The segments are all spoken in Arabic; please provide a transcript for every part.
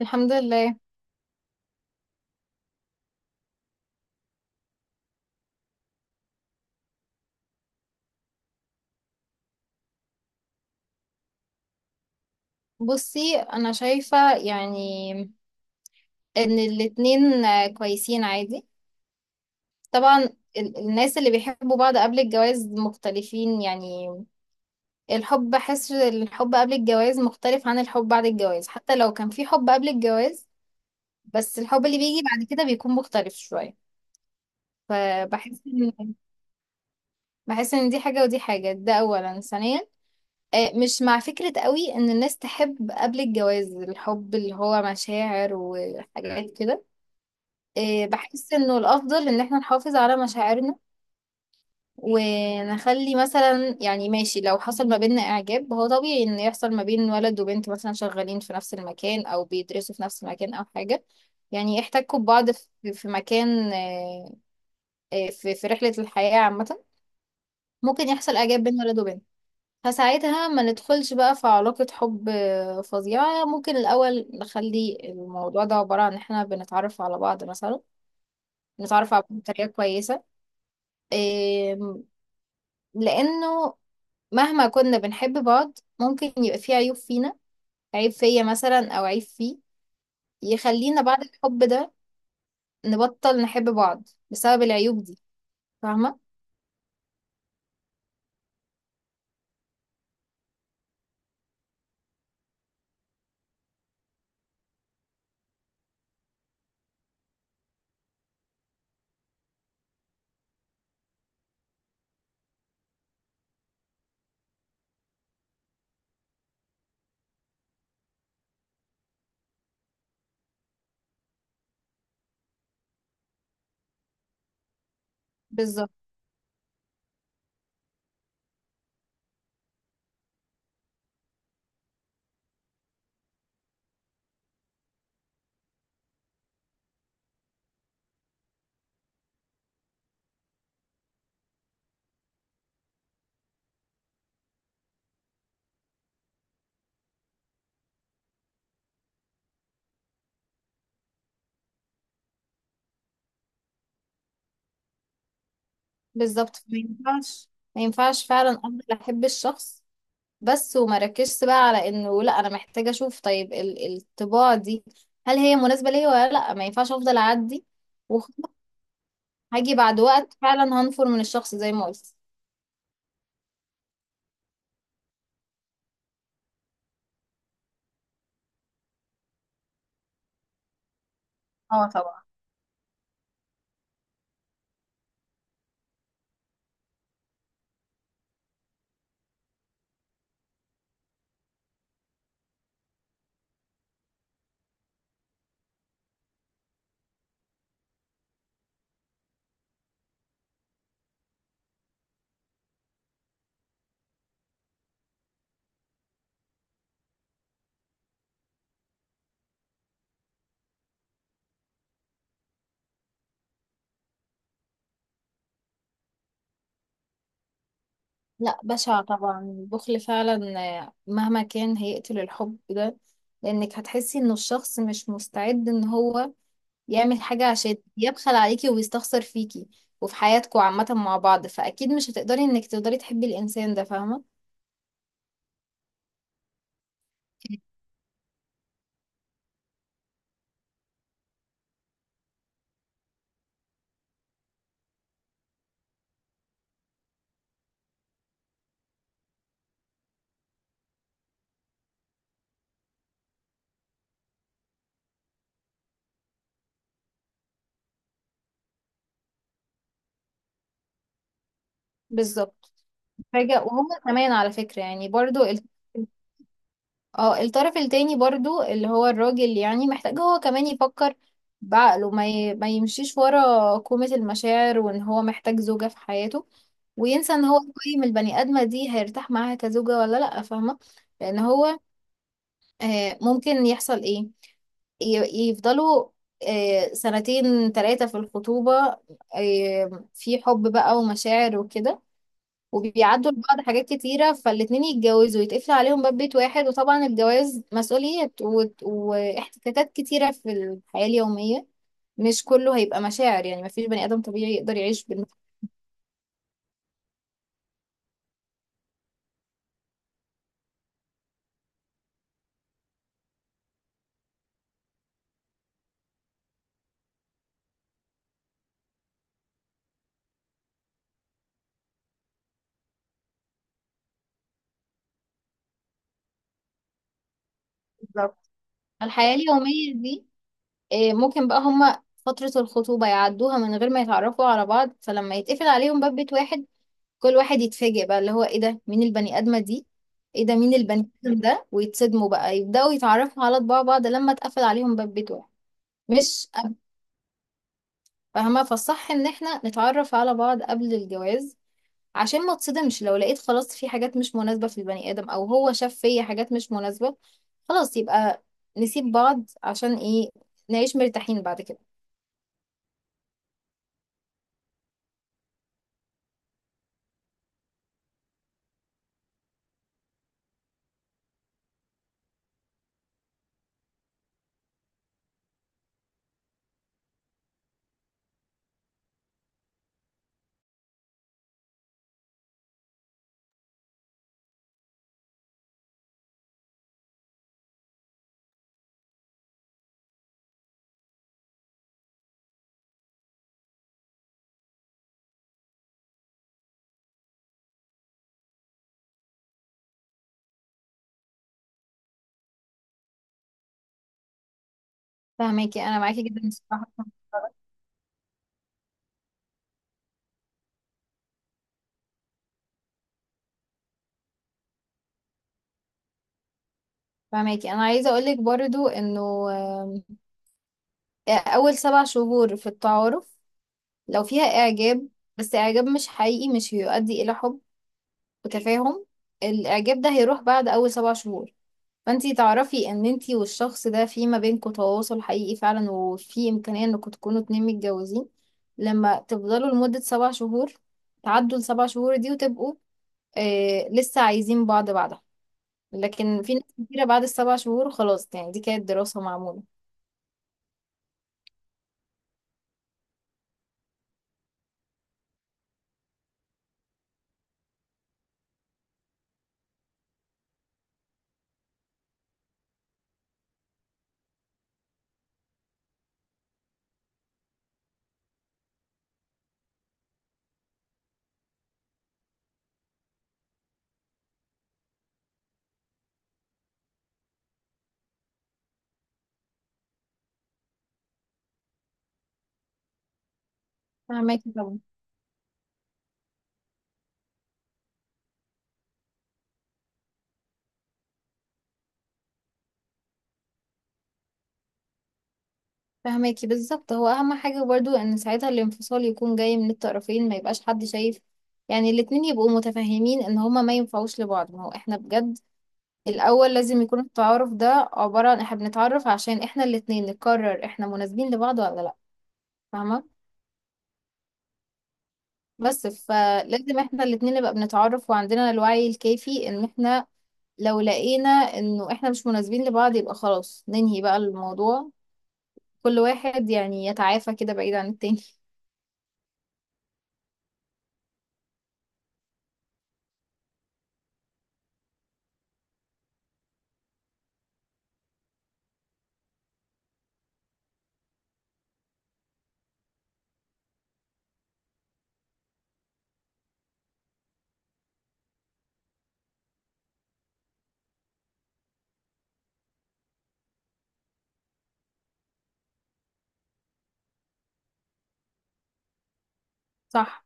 الحمد لله. بصي انا شايفة يعني ان الاتنين كويسين عادي، طبعا الناس اللي بيحبوا بعض قبل الجواز مختلفين يعني. الحب بحس الحب قبل الجواز مختلف عن الحب بعد الجواز، حتى لو كان في حب قبل الجواز، بس الحب اللي بيجي بعد كده بيكون مختلف شوية. فبحس ان دي حاجة ودي حاجة، ده اولا. ثانيا، مش مع فكرة قوي ان الناس تحب قبل الجواز، الحب اللي هو مشاعر وحاجات كده. بحس انه الافضل ان احنا نحافظ على مشاعرنا، ونخلي مثلا يعني ماشي. لو حصل ما بيننا اعجاب، هو طبيعي ان يحصل ما بين ولد وبنت مثلا شغالين في نفس المكان او بيدرسوا في نفس المكان او حاجة، يعني احتكوا ببعض في مكان، في رحلة الحياة عامة. ممكن يحصل اعجاب بين ولد وبنت، فساعتها ما ندخلش بقى في علاقة حب فظيعة. ممكن الأول نخلي الموضوع ده عبارة عن إحنا بنتعرف على بعض مثلا، نتعرف على بعض بطريقة كويسة. آم، لأنه مهما كنا بنحب بعض، ممكن يبقى فيه عيوب فينا، عيب فيا مثلا أو عيب فيه، يخلينا بعد الحب ده نبطل نحب بعض بسبب العيوب دي. فاهمة؟ بالظبط. بالظبط، ما ينفعش. ما ينفعش فعلا، أفضل أحب الشخص بس، وما ركزش بقى على إنه لأ، أنا محتاجة أشوف. طيب، الطباع دي هل هي مناسبة ليا ولا لأ؟ ما ينفعش أفضل أعدي وخلاص، هاجي بعد وقت فعلا هنفر من الشخص زي ما قلت. اه طبعا. لا، بشع طبعا البخل فعلا، مهما كان هيقتل الحب ده. لانك هتحسي ان الشخص مش مستعد ان هو يعمل حاجة، عشان يبخل عليكي ويستخسر فيكي وفي حياتكوا عامة مع بعض. فأكيد مش هتقدري انك تقدري تحبي الإنسان ده، فاهمة؟ بالظبط. حاجة وهم كمان على فكرة يعني برضو. اه، الطرف التاني برضو اللي هو الراجل يعني، محتاج هو كمان يفكر بعقله، ما يمشيش ورا كومة المشاعر وان هو محتاج زوجة في حياته، وينسى ان هو يقيم البني ادمة دي هيرتاح معاها كزوجة ولا لأ، فاهمة؟ لان هو ممكن يحصل ايه، يفضلوا سنتين تلاتة في الخطوبة، في حب بقى ومشاعر وكده، وبيعدوا لبعض حاجات كتيرة، فالاتنين يتجوزوا ويتقفل عليهم باب بيت واحد. وطبعا الجواز مسؤوليات واحتكاكات كتيرة في الحياة اليومية، مش كله هيبقى مشاعر يعني، مفيش بني آدم طبيعي يقدر يعيش بالمشاعر. بالظبط. الحياة اليومية دي ممكن بقى هما فترة الخطوبة يعدوها من غير ما يتعرفوا على بعض، فلما يتقفل عليهم باب بيت واحد كل واحد يتفاجئ بقى اللي هو ايه ده، مين البني آدمة دي، ايه ده مين البني آدم ده، ويتصدموا بقى يبدأوا يتعرفوا على طباع بعض لما اتقفل عليهم باب بيت واحد. مش فاهمة، فالصح ان احنا نتعرف على بعض قبل الجواز، عشان ما تصدمش لو لقيت خلاص في حاجات مش مناسبة في البني ادم، او هو شاف فيا حاجات مش مناسبة، خلاص يبقى نسيب بعض. عشان ايه؟ نعيش مرتاحين بعد كده. فاهماكي، انا معاكي جدا الصراحة. فاهماكي، انا عايزة اقولك برضو انه آم، اول 7 شهور في التعارف، لو فيها اعجاب، بس اعجاب مش حقيقي، مش هيؤدي الى حب وتفاهم. الاعجاب ده هيروح بعد اول 7 شهور. فانتي تعرفي ان انتي والشخص ده في ما بينكوا تواصل حقيقي فعلا، وفي امكانية انكوا تكونوا اتنين متجوزين، لما تفضلوا لمدة 7 شهور، تعدوا السبع شهور دي وتبقوا لسه عايزين بعض بعدها. لكن في ناس كتيرة بعد السبع شهور خلاص، يعني دي كانت دراسة معمولة. فهماكي طبعا. فهماكي، بالظبط، هو اهم حاجة برضو ان ساعتها الانفصال يكون جاي من الطرفين، ما يبقاش حد شايف يعني، الاتنين يبقوا متفاهمين ان هما ما ينفعوش لبعض. ما هو احنا بجد الأول لازم يكون التعارف ده عبارة عن احنا بنتعرف عشان احنا الاتنين نقرر احنا مناسبين لبعض ولا لأ، فاهمة؟ بس فلازم احنا الاتنين نبقى بنتعرف وعندنا الوعي الكافي، ان احنا لو لقينا انه احنا مش مناسبين لبعض، يبقى خلاص ننهي بقى الموضوع، كل واحد يعني يتعافى كده بعيد عن التاني صح.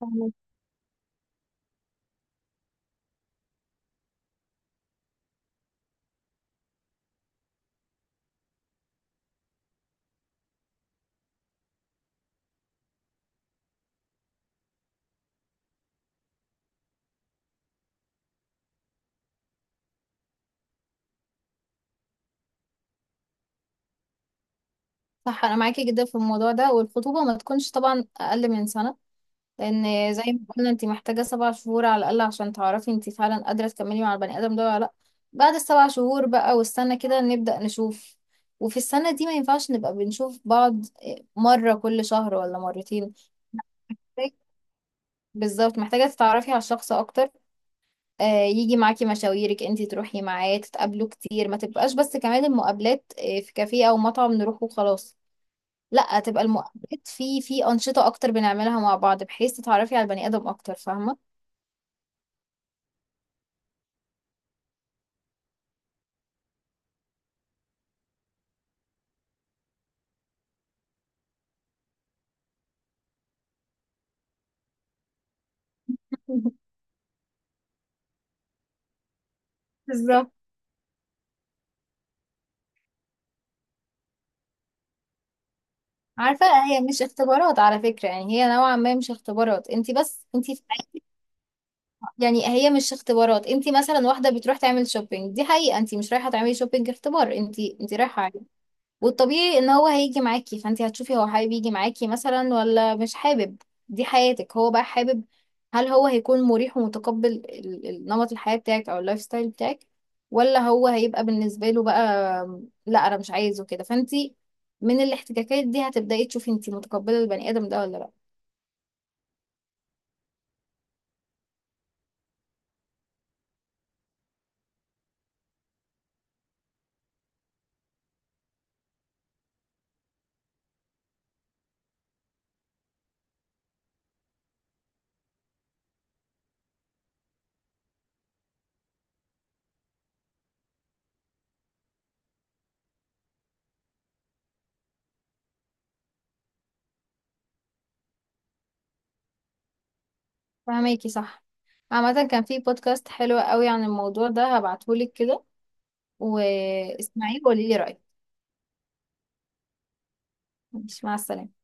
فاهمة. صح، انا معاكي جدا في الموضوع ده، والخطوبة ما تكونش طبعا اقل من سنة، لان زي ما قلنا انت محتاجه 7 شهور على الاقل عشان تعرفي انت فعلا قادره تكملي مع البني ادم ده ولا لا. بعد السبع شهور بقى والسنه كده نبدا نشوف، وفي السنه دي ما ينفعش نبقى بنشوف بعض مره كل شهر ولا مرتين. بالظبط، محتاجه تتعرفي على الشخص اكتر، يجي معاكي مشاويرك، انت تروحي معاه، تتقابلوا كتير، ما تبقاش بس كمان المقابلات في كافيه او مطعم نروح وخلاص. لا، تبقى المقابلات في انشطه اكتر بنعملها مع بعض، بحيث تتعرفي على البني ادم اكتر، فاهمه؟ بالظبط. عارفة، هي مش اختبارات على فكرة يعني، هي نوعا ما مش اختبارات، انت بس انت يعني هي مش اختبارات. انت مثلا واحدة بتروح تعمل شوبينج، دي حقيقة، انت مش رايحة تعملي شوبينج اختبار، انت رايحة، والطبيعي ان هو هيجي معاكي، فانت هتشوفي هو حابب يجي معاكي مثلا ولا مش حابب، دي حياتك. هو بقى حابب، هل هو هيكون مريح ومتقبل نمط الحياة بتاعك او اللايف ستايل بتاعك، ولا هو هيبقى بالنسبة له بقى لا انا مش عايزه كده؟ فانت من الاحتكاكات دي هتبدأي تشوفي انت متقبلة البني ادم ده ولا لا. فهماكي، صح. عامة، كان في بودكاست حلو قوي عن الموضوع ده، هبعتهولك كده واسمعيه وقولي لي رأيك. مش، مع السلامة.